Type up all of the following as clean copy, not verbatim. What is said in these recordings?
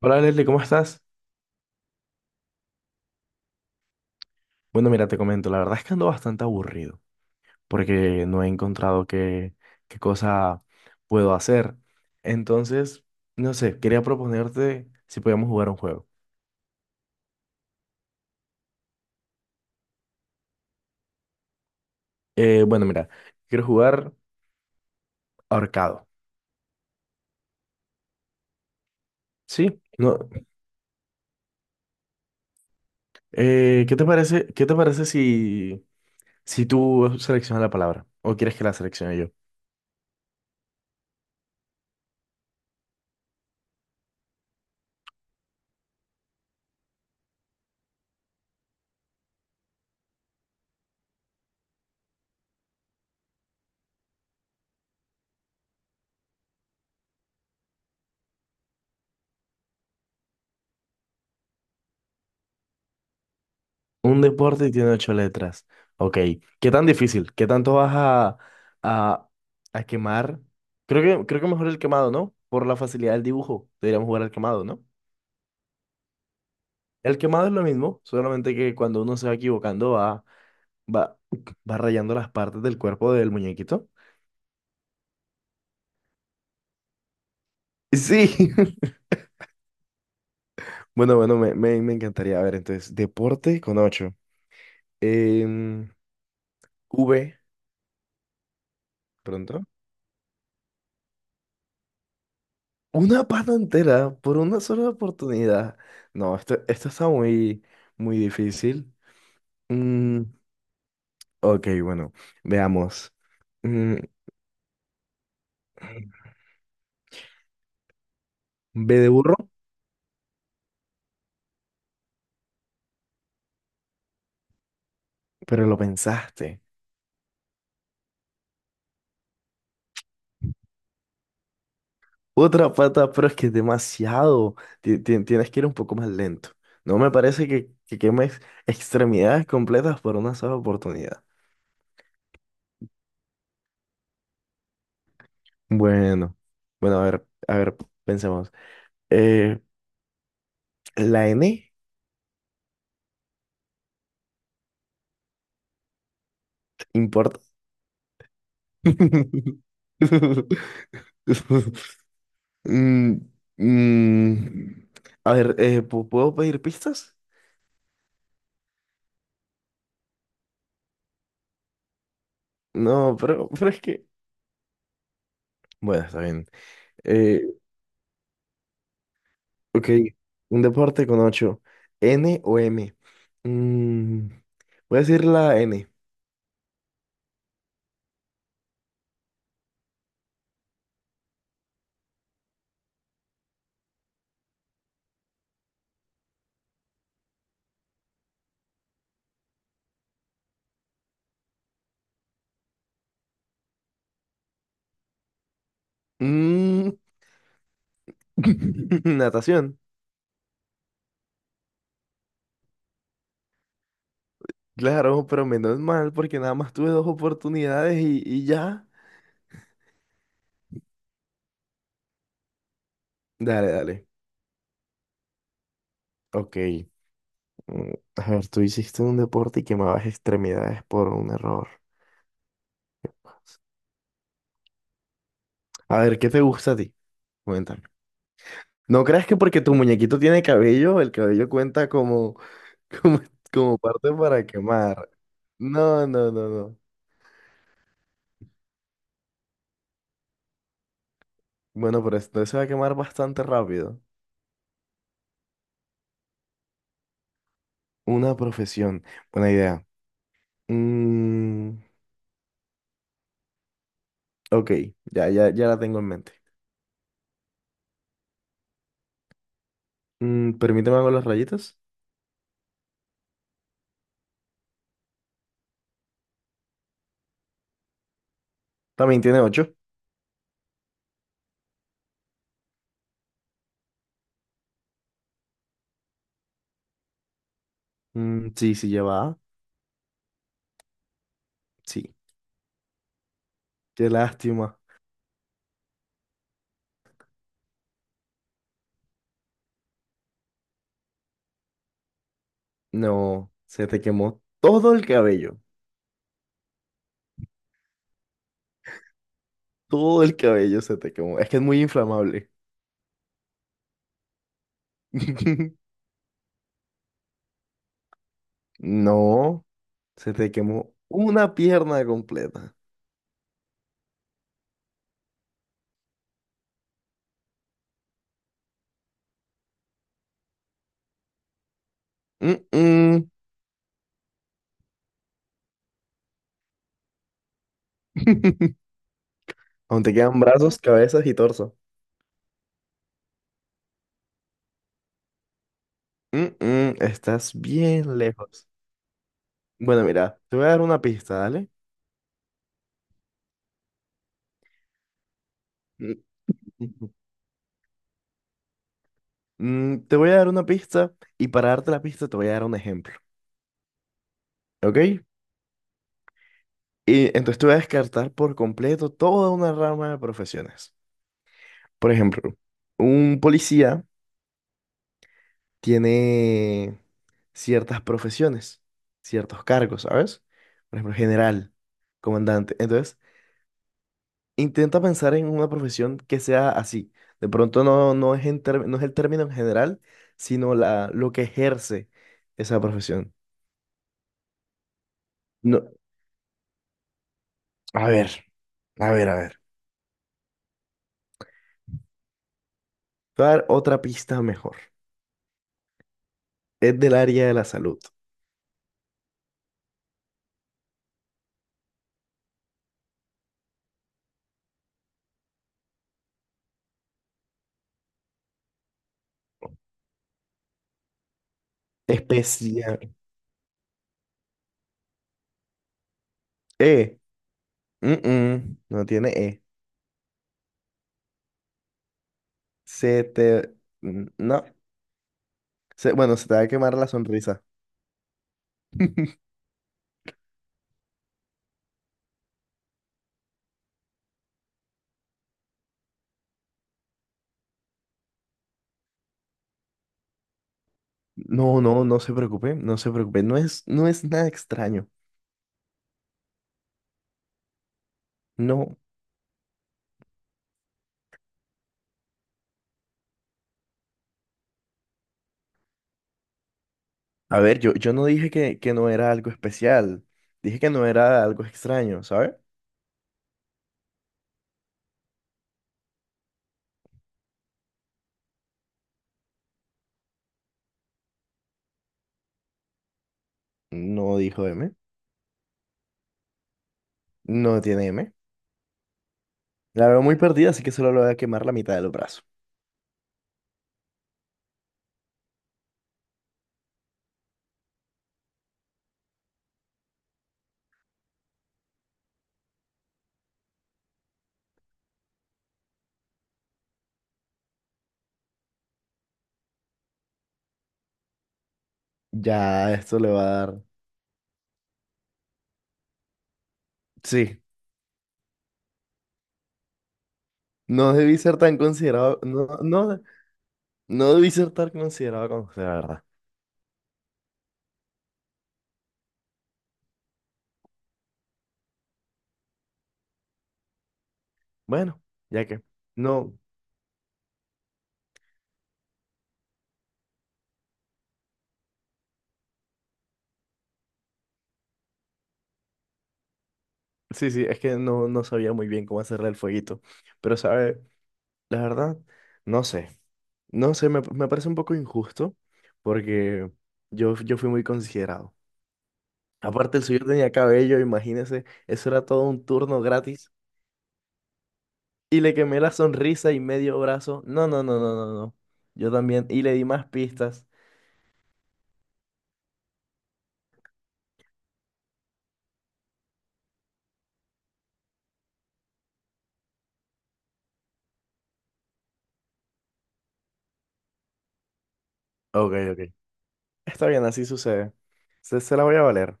Hola Leslie, ¿cómo estás? Bueno, mira, te comento, la verdad es que ando bastante aburrido porque no he encontrado qué cosa puedo hacer. Entonces, no sé, quería proponerte si podíamos jugar un juego. Bueno, mira, quiero jugar ahorcado. ¿Sí? No, ¿qué te parece si, si tú seleccionas la palabra o quieres que la seleccione yo? Un deporte y tiene ocho letras. Ok. ¿Qué tan difícil? ¿Qué tanto vas a, a quemar? Creo que mejor el quemado, ¿no? Por la facilidad del dibujo. Deberíamos jugar al quemado, ¿no? El quemado es lo mismo, solamente que cuando uno se va equivocando va, va rayando las partes del cuerpo del muñequito. Sí. Bueno, bueno, me encantaría. A ver, entonces, deporte con ocho. Em, V, pronto. Una pata entera por una sola oportunidad. No, esto está muy, muy difícil. Mm, ok, bueno, veamos. Mm, B de burro, pero lo pensaste. Otra pata, pero es que es demasiado. Tienes que ir un poco más lento. No me parece que quemes extremidades completas por una sola oportunidad. Bueno, bueno, a ver, pensemos. Eh, la N, Mm, mm, A ver, ¿puedo pedir pistas? No, pero es que... Bueno, está bien. Eh, ok, un deporte con ocho. ¿N o M? Mm, voy a decir la N. Mm, Natación. Claro, pero menos mal porque nada más tuve dos oportunidades y ya. Dale, dale. Ok. Mm, A ver, tú hiciste un deporte y quemabas extremidades por un error. A ver, ¿qué te gusta a ti? Cuéntame. ¿No creas que porque tu muñequito tiene cabello, el cabello cuenta como, como, como parte para quemar? No, no, no, no. Bueno, pero esto se va a quemar bastante rápido. Una profesión. Buena idea. Mm, ok, ya la tengo en mente. Mm, permíteme hago las rayitas. También tiene ocho. Mm, sí, sí lleva. A. Sí. Qué lástima. No, se te quemó todo el cabello. Todo el cabello se te quemó. Es que es muy inflamable. No, se te quemó una pierna completa. Mm-mm. Aún te quedan brazos, cabezas y torso. Mm-mm, estás bien lejos. Bueno, mira, te voy a dar una pista, ¿dale? Mm, mm, te voy a dar una pista y para darte la pista te voy a dar un ejemplo, ¿ok? Y entonces te voy a descartar por completo toda una rama de profesiones. Por ejemplo, un policía tiene ciertas profesiones, ciertos cargos, ¿sabes? Por ejemplo, general, comandante. Entonces, intenta pensar en una profesión que sea así. De pronto no, no es, no es el término en general, sino la, lo que ejerce esa profesión. No, a ver, a ver. Te voy a dar otra pista mejor. Es del área de la salud. Especial. E. No tiene E. Se te... No. Bueno, se te va a quemar la sonrisa. No, no, no se preocupe, no se preocupe. No es, no es nada extraño. No. A ver, yo no dije que no era algo especial. Dije que no era algo extraño, ¿sabes? No dijo M. No tiene M. La veo muy perdida, así que solo le voy a quemar la mitad del brazo. Ya, esto le va a dar. Sí. No debí ser tan considerado. No, no, no debí ser tan considerado como usted, la verdad. Bueno, ya que. No. Sí, sí, es que no, no sabía muy bien cómo hacerle el fueguito. Pero, ¿sabe? La verdad, no sé. No sé, me parece un poco injusto porque yo fui muy considerado. Aparte, el suyo tenía cabello, imagínese, eso era todo un turno gratis. Y le quemé la sonrisa y medio brazo. No, no, no, no, no, no. Yo también. Y le di más pistas. Ok, ok. Está bien, así sucede. Se la voy a valer.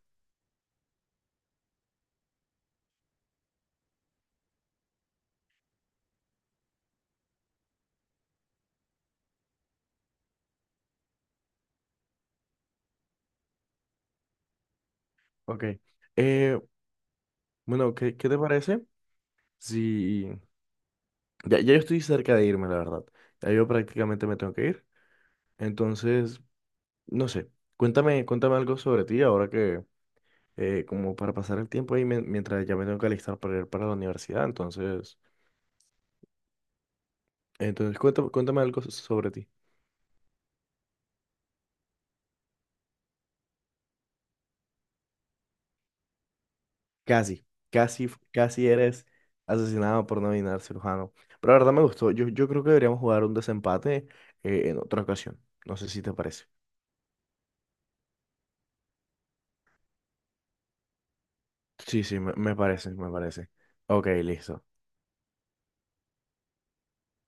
Ok. Eh, bueno, ¿qué te parece? Sí. Ya yo estoy cerca de irme, la verdad. Ya yo prácticamente me tengo que ir. Entonces, no sé. Cuéntame algo sobre ti ahora que, como para pasar el tiempo ahí mientras ya me tengo que alistar para ir para la universidad. Entonces cuéntame, sobre ti. Casi, casi eres asesinado por no adivinar cirujano. Pero la verdad me gustó. Yo creo que deberíamos jugar un desempate, en otra ocasión. No sé si te parece. Sí, sí, me parece, me parece. Ok, listo.